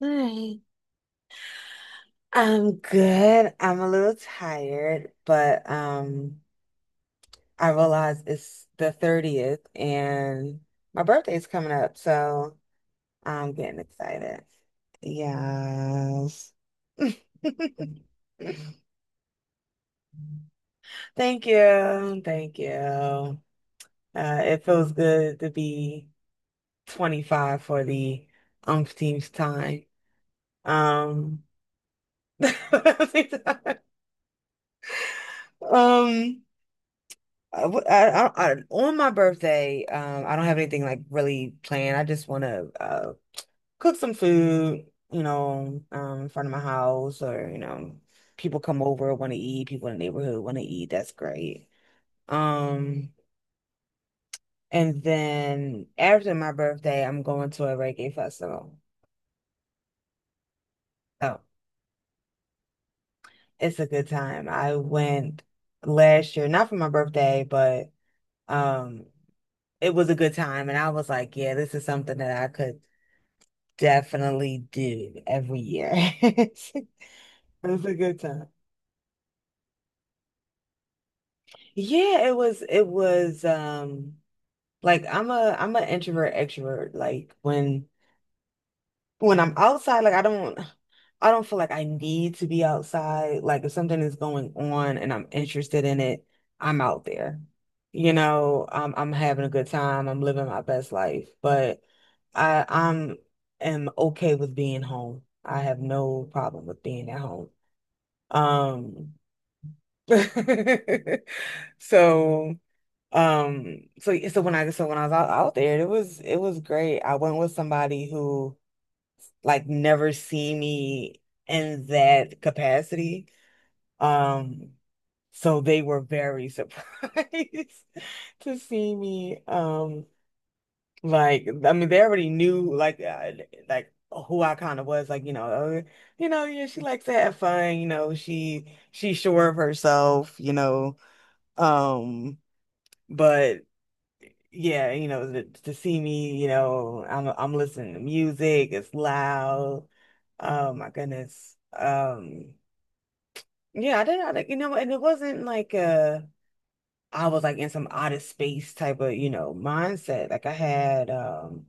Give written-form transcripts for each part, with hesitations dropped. Hi. I'm good. I'm a little tired, but I realize it's the 30th and my birthday's coming up, so I'm getting excited. Yes. Thank you. Thank you. It feels good to be 25 for the umpteenth time. Um, um, I, w- I- on my birthday, I don't have anything like really planned. I just want to cook some food, you know, in front of my house, or you know, people come over want to eat, people in the neighborhood want to eat. That's great. Um, and then after my birthday, I'm going to a reggae festival. Oh, it's a good time. I went last year, not for my birthday, but um, it was a good time, and I was like, yeah, this is something that I could definitely do every year. It's a good time. Yeah, it was like I'm an introvert extrovert. Like when I'm outside, like I don't feel like I need to be outside. Like if something is going on and I'm interested in it, I'm out there. You know, I'm having a good time. I'm living my best life. But I'm am okay with being home. I have no problem with being at home. Um, So, so yeah, so when I was out, out there, it was great. I went with somebody who like never seen me in that capacity. Um, so they were very surprised to see me. Like I mean, they already knew like who I kind of was. Like you know, yeah, she likes to have fun. You know, she's sure of herself. You know. Um, But yeah, you know, to see me, you know, I'm listening to music. It's loud. Oh my goodness. Yeah, I didn't- you know, and it wasn't like I was like in some outer space type of, you know, mindset. Like I had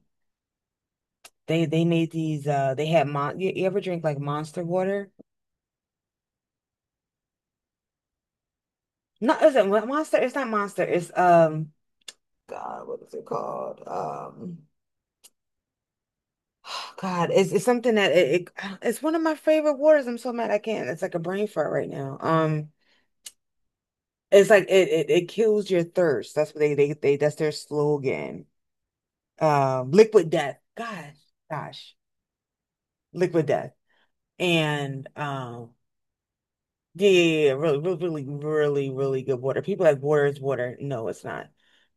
they made these they had mon you, you ever drink like Monster water? No, is it Monster? It's not Monster. It's God, what is it called? Oh, God, it's something that it it's one of my favorite waters. I'm so mad I can't. It's like a brain fart right now. It's like it kills your thirst. That's what they that's their slogan. Liquid death. Gosh, liquid death. And yeah, yeah, yeah, really, really, really, really, really good water. People like water is water. No, it's not.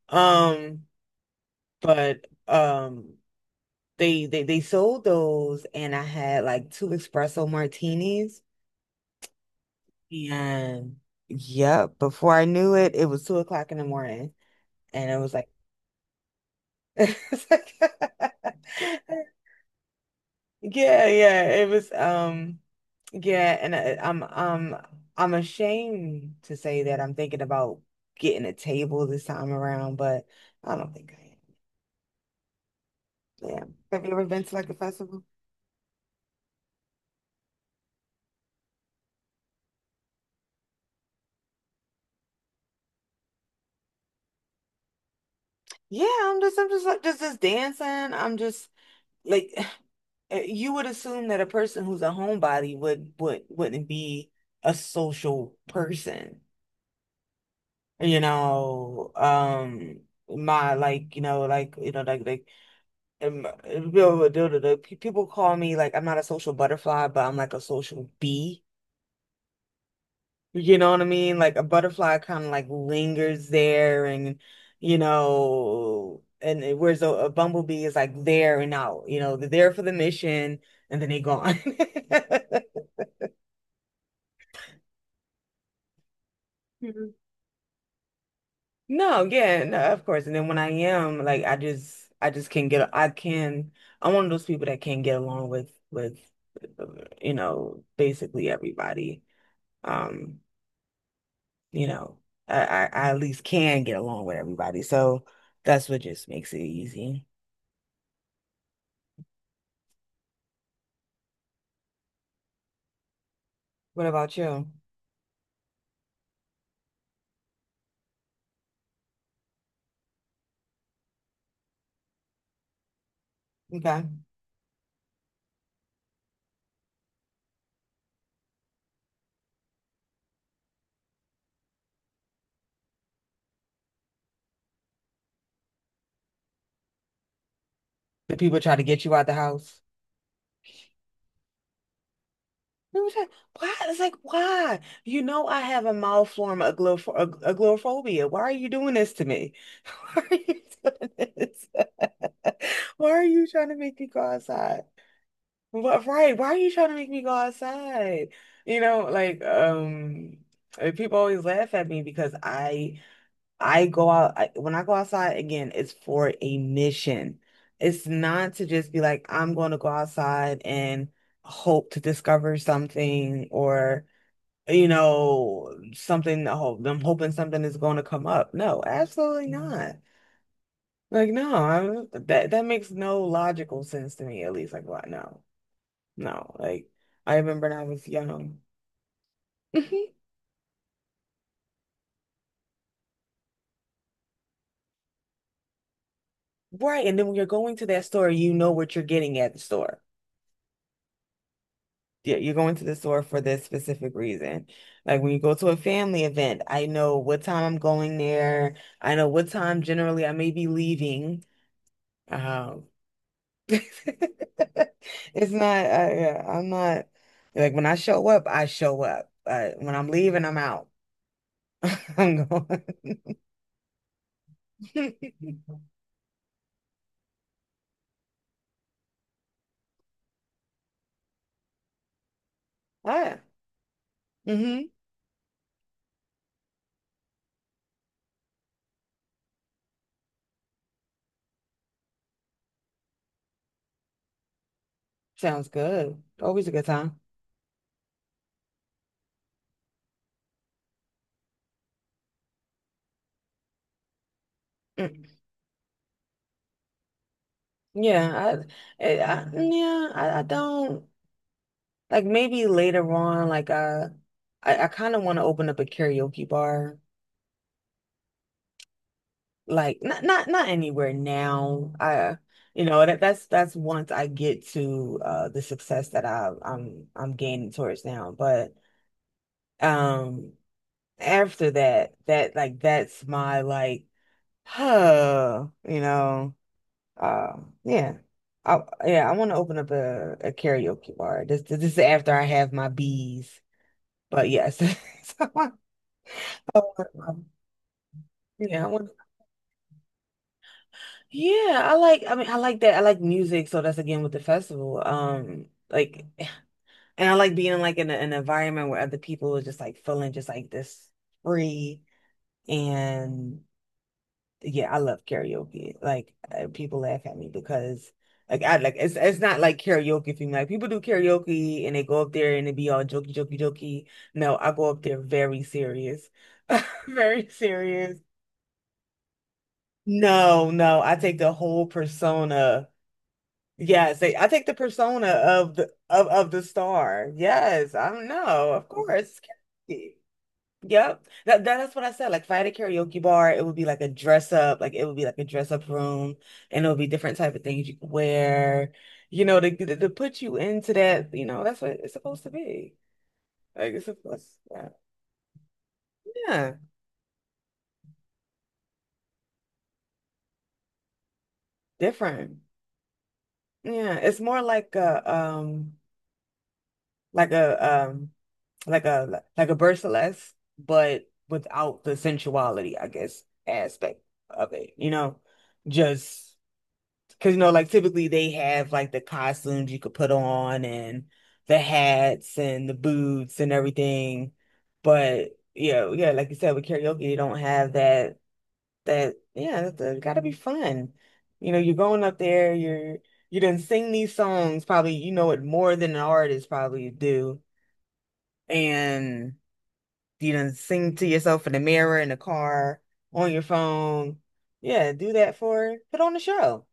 Um, but they sold those, and I had like two espresso martinis. And yeah, before I knew it, it was 2 o'clock in the morning. And it was like, it's like- yeah, yeah, yeah. And I'm ashamed to say that I'm thinking about getting a table this time around, but I don't think I am. Yeah. Have you ever been to like a festival? Yeah, I'm just like, just dancing. Like, you would assume that a person who's a homebody wouldn't be a social person. You know, my like you know like you know like you know, the, the people call me like I'm not a social butterfly, but I'm like a social bee. You know what I mean? Like a butterfly kind of like lingers there and you know whereas a bumblebee is like there and out, you know, they're there for the mission and then they gone. No, yeah, no, of course. And then when I am, like, I just can't get, I can, I'm one of those people that can't get along you know, basically everybody. Um, you know, I at least can get along with everybody. So that's what just makes it easy. What about you? Okay. Do people try to get you out the house? It was like, why? It's like, why? You know, I have a mild form of agoraphobia. Why are you doing this to me? Why are you doing this? Why are you trying to make me go outside? What, right? Why are you trying to make me go outside? You know, like, people always laugh at me because I go out, when I go outside again, it's for a mission. It's not to just be like, I'm going to go outside and hope to discover something or, you know, something, I'm hoping something is going to come up. No, absolutely not. Like, no, that makes no logical sense to me, at least. Like, what? No, no. Like, I remember when I was young. Right. And then when you're going to that store, you know what you're getting at the store. Yeah, you're going to the store for this specific reason. Like when you go to a family event, I know what time I'm going there. I know what time generally I may be leaving. Um, it's not, yeah, I'm not like when I show up, I show up. When I'm leaving, I'm out. I'm going. Ah, mm-hmm. Sounds good. Always a good time. Mm. Yeah, I yeah, I don't. Like maybe later on, like I kind of want to open up a karaoke bar. Like not anywhere now. I You know that that's once I get to the success that I'm gaining towards now. But um after that that like that's my like you know uh yeah. I Yeah, I want to open up a karaoke bar. This is after I have my bees. But yes. So, oh, um, yeah, yeah, I like, I mean, I like that. I like music, so that's again with the festival. Like, and I like being like in a, an environment where other people are just like feeling just like this free. And yeah, I love karaoke. Like, people laugh at me because like I like it's not like karaoke for me. Like people do karaoke and they go up there and they be all jokey, jokey, jokey. No, I go up there very serious, very serious. No, no, I take the whole persona. Yes, they, I take the persona of the star. Yes, I am no, of course. Karaoke. Yep. That's what I said. Like if I had a karaoke bar, it would be like a dress up, like it would be like a dress up room and it would be different type of things you could wear, you know, to put you into that, you know, that's what it's supposed to be. Like it's supposed, yeah. Yeah, different. Yeah, it's more like a like a like a like a Berceless, but without the sensuality, I guess, aspect of it, you know? Just because, you know, like typically they have like the costumes you could put on and the hats and the boots and everything. But yeah, yeah, like you said, with karaoke, you don't have that that yeah, that's has gotta be fun. You know, you're going up there, you're you done sing these songs, probably you know it more than an artist probably do. And you done sing to yourself in the mirror, in the car, on your phone. Yeah, do that for, put on the show.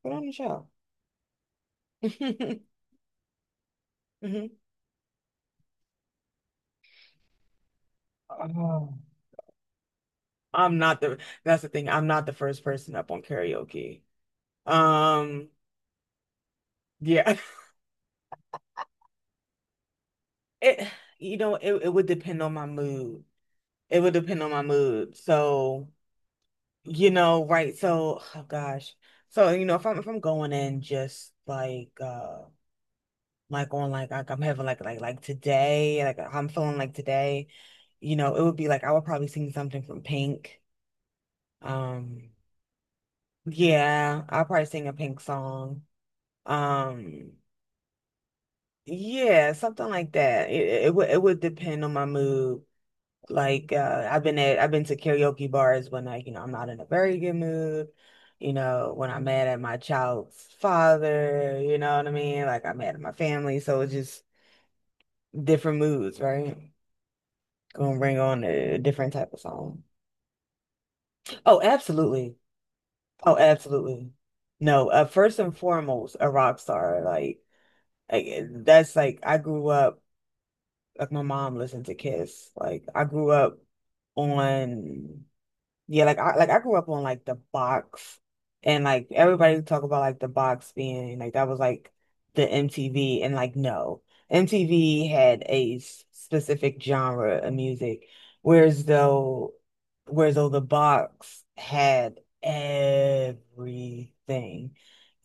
Put on the show. hmm. Oh. I'm not the, that's the thing. I'm not the first person up on karaoke. Um, yeah. It, you know, it would depend on my mood. It would depend on my mood. So, you know, right. So, oh gosh. So, you know, if I'm going in just like on like like I'm having like today, like how I'm feeling like today, you know, it would be like I would probably sing something from Pink. Um, yeah, I'll probably sing a Pink song. Um, yeah, something like that. It would depend on my mood. Like I've been to karaoke bars when like, you know, I'm not in a very good mood. You know, when I'm mad at my child's father, you know what I mean? Like I'm mad at my family, so it's just different moods, right? Gonna bring on a different type of song. Oh, absolutely. Oh, absolutely. No, first and foremost, a rock star. Like that's like I grew up. Like my mom listened to Kiss. Like I grew up on yeah, like I grew up on like the box and like everybody would talk about like the box being like that was like the MTV and like no. MTV had a specific genre of music, whereas though whereas though the box had everything.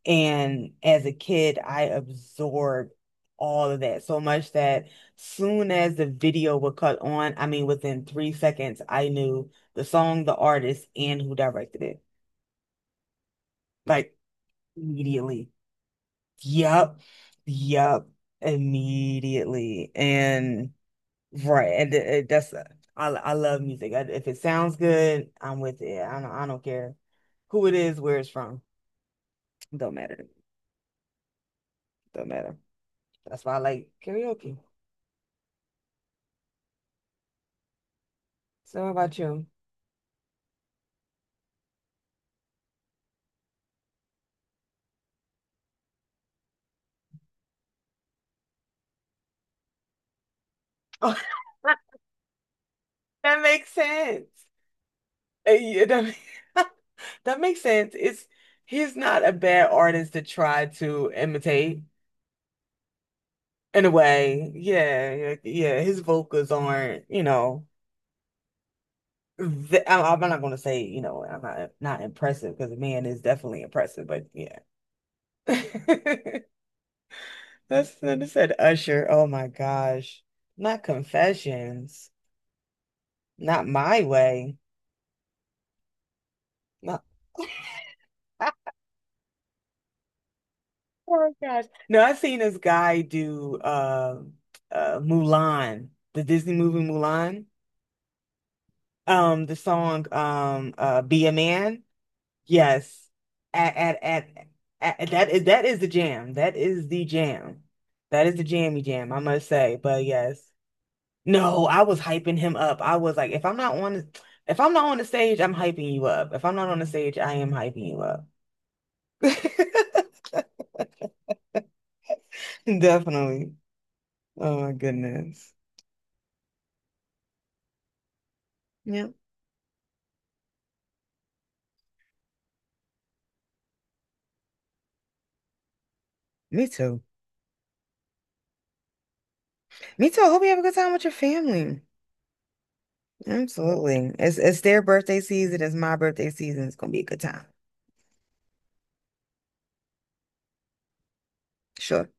And as a kid, I absorbed all of that so much that soon as the video would cut on, I mean, within 3 seconds, I knew the song, the artist, and who directed it. Like immediately. Yup. Yup. Immediately. And right. And it- that's, I love music. If it sounds good, I'm with it. I don't care who it is, where it's from. Don't matter. Don't matter. That's why I like karaoke. So how about you? Oh, that makes sense. Yeah, ma- that makes sense. It's he's not a bad artist to try to imitate in a way. Yeah, yeah, yeah, his vocals aren't, you know, I'm not gonna say, you know, I'm not not impressive because the man is definitely impressive, but yeah. That's that said Usher. Oh my gosh. Not Confessions. Not My Way. Not oh gosh. No, I've seen this guy do Mulan, the Disney movie Mulan. The song Be a Man. Yes. At at at, at that is the jam. That is the jam. That is the jammy jam, I must say. But yes. No, I was hyping him up. I was like, if I'm not on the stage, I'm hyping you up. If I'm not on the stage, I am hyping you up. Definitely. Oh my goodness. Yeah. Me too. Me too. I hope you have a good time with your family. Absolutely. It's their birthday season. It's my birthday season. It's gonna be a good time. Sure.